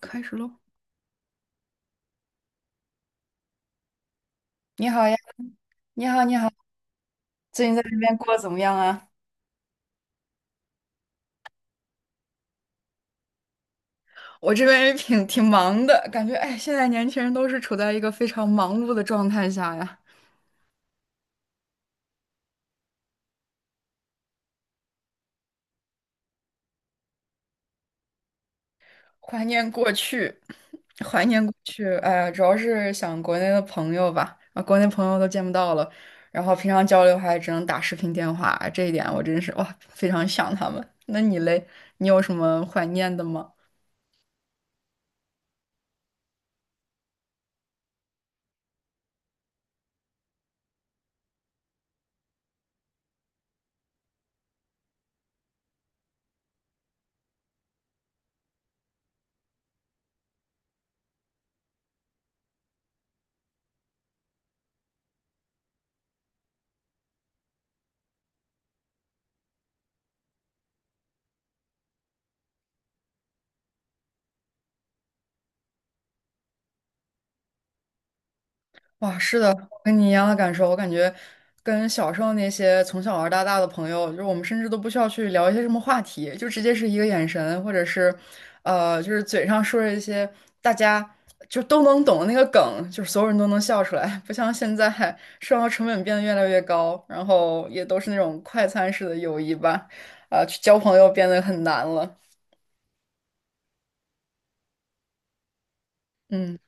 开始喽。你好呀，你好，你好，最近在这边过得怎么样啊？我这边也挺忙的，感觉哎，现在年轻人都是处在一个非常忙碌的状态下呀。怀念过去，怀念过去，哎，主要是想国内的朋友吧，啊，国内朋友都见不到了，然后平常交流还只能打视频电话，这一点我真是哇，非常想他们。那你嘞，你有什么怀念的吗？哇，是的，我跟你一样的感受。我感觉跟小时候那些从小玩到大的朋友，就是我们甚至都不需要去聊一些什么话题，就直接是一个眼神，或者是，就是嘴上说着一些大家就都能懂的那个梗，就是所有人都能笑出来。不像现在生活成本变得越来越高，然后也都是那种快餐式的友谊吧，啊、去交朋友变得很难了。嗯。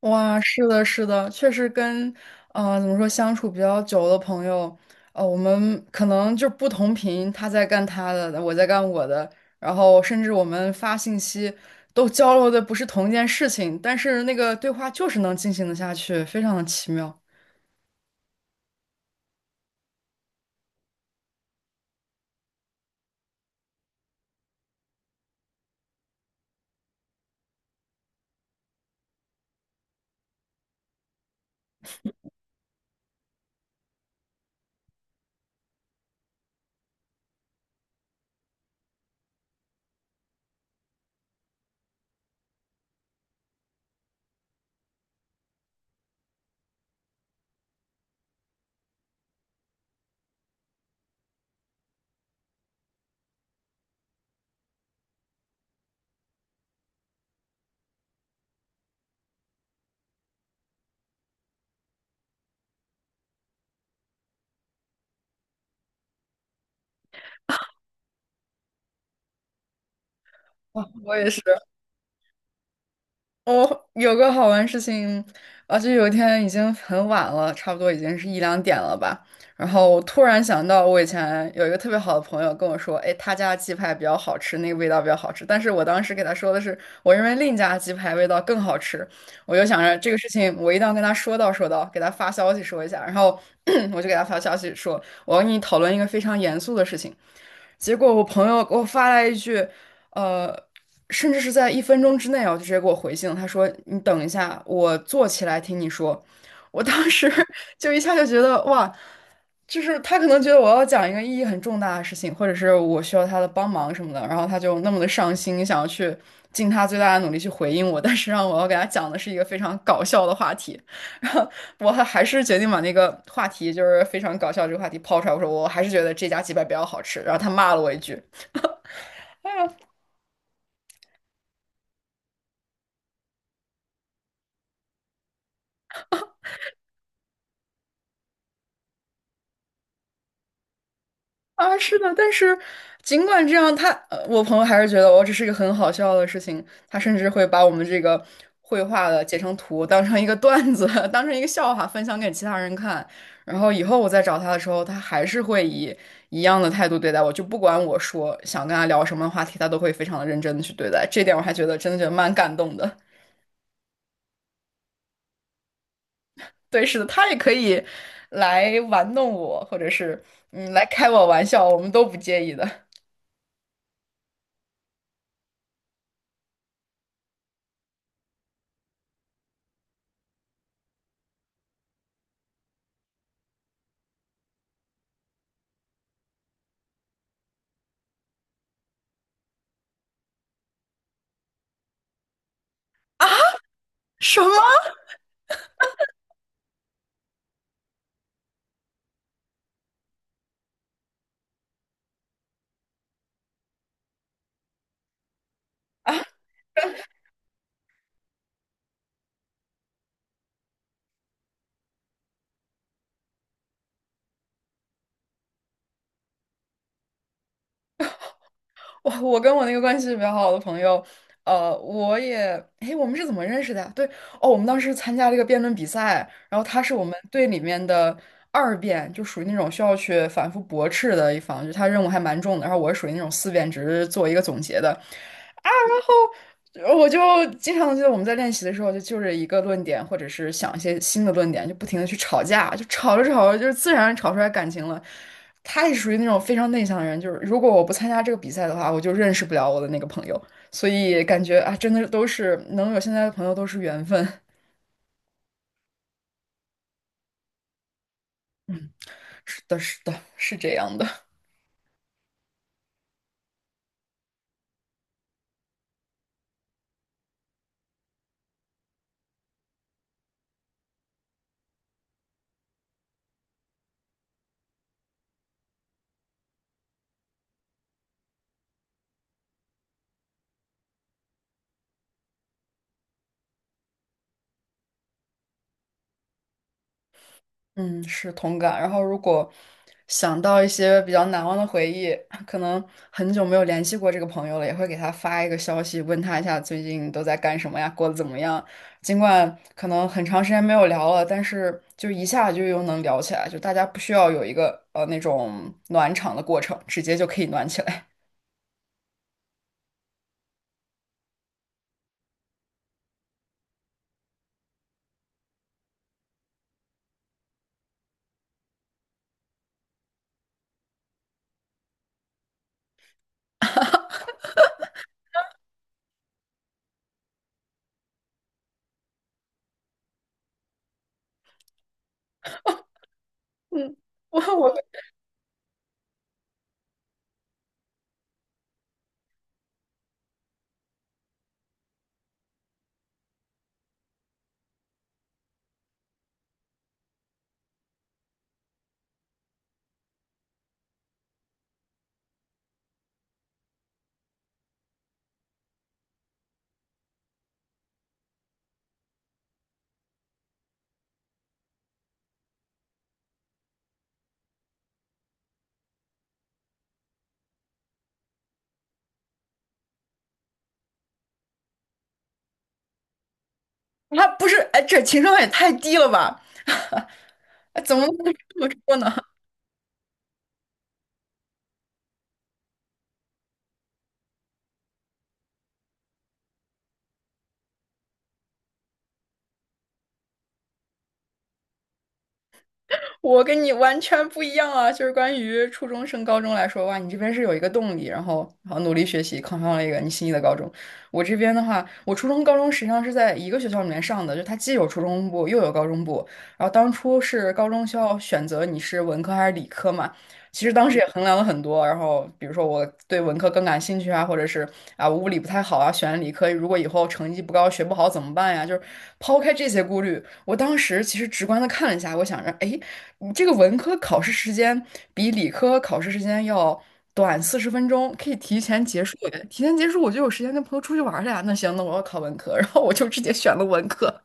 哇，是的，是的，确实跟，怎么说，相处比较久的朋友，我们可能就不同频，他在干他的，我在干我的，然后甚至我们发信息都交流的不是同一件事情，但是那个对话就是能进行的下去，非常的奇妙。哇，我也是。我有个好玩事情，而且有一天已经很晚了，差不多已经是一两点了吧。然后我突然想到，我以前有一个特别好的朋友跟我说，哎，他家的鸡排比较好吃，那个味道比较好吃。但是我当时给他说的是，我认为另一家鸡排味道更好吃。我就想着这个事情，我一定要跟他说道说道，给他发消息说一下。然后 我就给他发消息说，我要跟你讨论一个非常严肃的事情。结果我朋友给我发来一句。呃。甚至是在一分钟之内哦，就直接给我回信了。他说：“你等一下，我坐起来听你说。”我当时 就一下就觉得哇，就是他可能觉得我要讲一个意义很重大的事情，或者是我需要他的帮忙什么的，然后他就那么的上心，想要去尽他最大的努力去回应我，但是让我要给他讲的是一个非常搞笑的话题，然后我还是决定把那个话题就是非常搞笑这个话题抛出来，我说我还是觉得这家鸡排比较好吃，然后他骂了我一句。啊，是的，但是尽管这样，我朋友还是觉得我这是一个很好笑的事情。他甚至会把我们这个绘画的截成图，当成一个段子，当成一个笑话分享给其他人看。然后以后我再找他的时候，他还是会以一样的态度对待我，就不管我说想跟他聊什么话题，他都会非常的认真的去对待。这点我还觉得真的觉得蛮感动的。对，是的，他也可以来玩弄我，或者是来开我玩笑，我们都不介意的。什么？我跟我那个关系比较好的朋友，我也，诶，我们是怎么认识的呀对，哦，我们当时参加这个辩论比赛，然后他是我们队里面的二辩，就属于那种需要去反复驳斥的一方，就他任务还蛮重的，然后我是属于那种四辩，只是做一个总结的。我就经常记得我们在练习的时候，就着一个论点，或者是想一些新的论点，就不停的去吵架，就吵着吵着，就是自然吵出来感情了。他也属于那种非常内向的人，就是如果我不参加这个比赛的话，我就认识不了我的那个朋友，所以感觉啊，真的都是能有现在的朋友都是缘分。是的，是的，是这样的。嗯，是同感。然后，如果想到一些比较难忘的回忆，可能很久没有联系过这个朋友了，也会给他发一个消息，问他一下最近都在干什么呀，过得怎么样。尽管可能很长时间没有聊了，但是就一下就又能聊起来，就大家不需要有一个那种暖场的过程，直接就可以暖起来。嗯，我我他不是，哎，这情商也太低了吧？哎怎么能这么说呢？我跟你完全不一样啊！就是关于初中升高中来说，哇，你这边是有一个动力，然后努力学习，考上了一个你心仪的高中。我这边的话，我初中、高中实际上是在一个学校里面上的，就它既有初中部又有高中部。然后当初是高中需要选择你是文科还是理科嘛，其实当时也衡量了很多。然后比如说我对文科更感兴趣啊，或者是啊我物理不太好啊，选了理科，如果以后成绩不高学不好怎么办呀？就是抛开这些顾虑，我当时其实直观的看了一下，我想着，哎。你这个文科考试时间比理科考试时间要短四十分钟，可以提前结束耶提前结束，我就有时间跟朋友出去玩儿了呀。那行，那我要考文科，然后我就直接选了文科。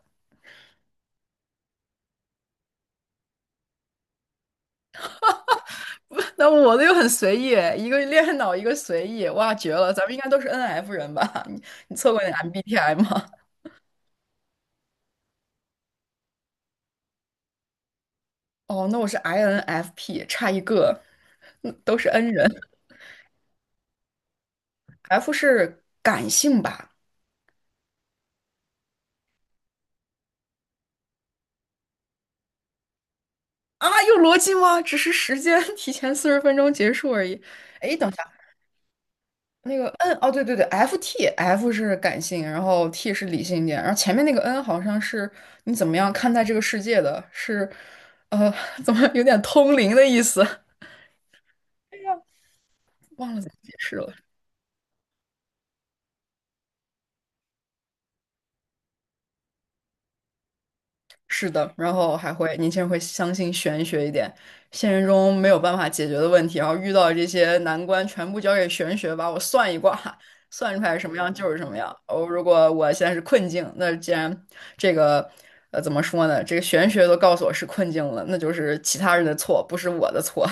那我的又很随意，一个恋脑，一个随意，哇，绝了！咱们应该都是 NF 人吧？你测过那 MBTI 吗？哦，那我是 INFP，差一个，嗯都是 N 人。F 是感性吧？啊，有逻辑吗？只是时间 提前40分钟结束而已。哎，等。下。那个 N 哦，对对对，F 是感性，然后 T 是理性一点，然后前面那个 N 好像是你怎么样看待这个世界的，是呃，怎么有点通灵的意思，忘了怎么解释了。是的，然后年轻人会相信玄学一点，现实中没有办法解决的问题，然后遇到这些难关，全部交给玄学吧，我算一卦，算出来什么样就是什么样。哦，如果我现在是困境，那既然这个怎么说呢，这个玄学都告诉我是困境了，那就是其他人的错，不是我的错。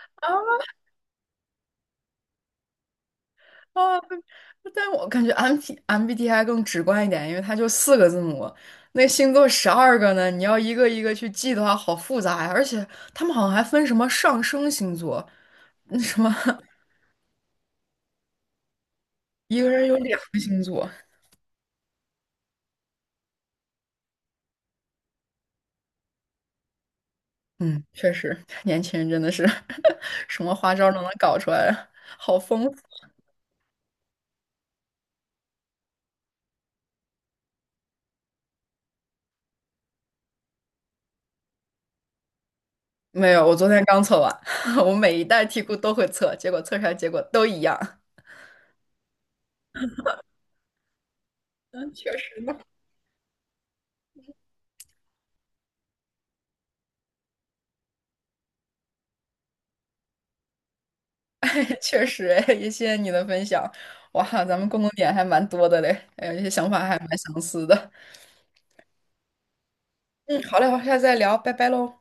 啊，但我感觉 M B T I 更直观一点，因为它就四个字母，那星座12个呢，你要一个一个去记的话，好复杂呀。而且他们好像还分什么上升星座，那什么 一个人有两个星座。嗯，确实，年轻人真的是 什么花招都能搞出来，好丰富。没有，我昨天刚测完，我每一代题库都会测，结果测出来结果都一样。嗯，确实。呢。确实，哎，也谢谢你的分享。哇，咱们共同点还蛮多的嘞，还有一些想法还蛮相似的。嗯，好嘞，好，下次再聊，拜拜喽。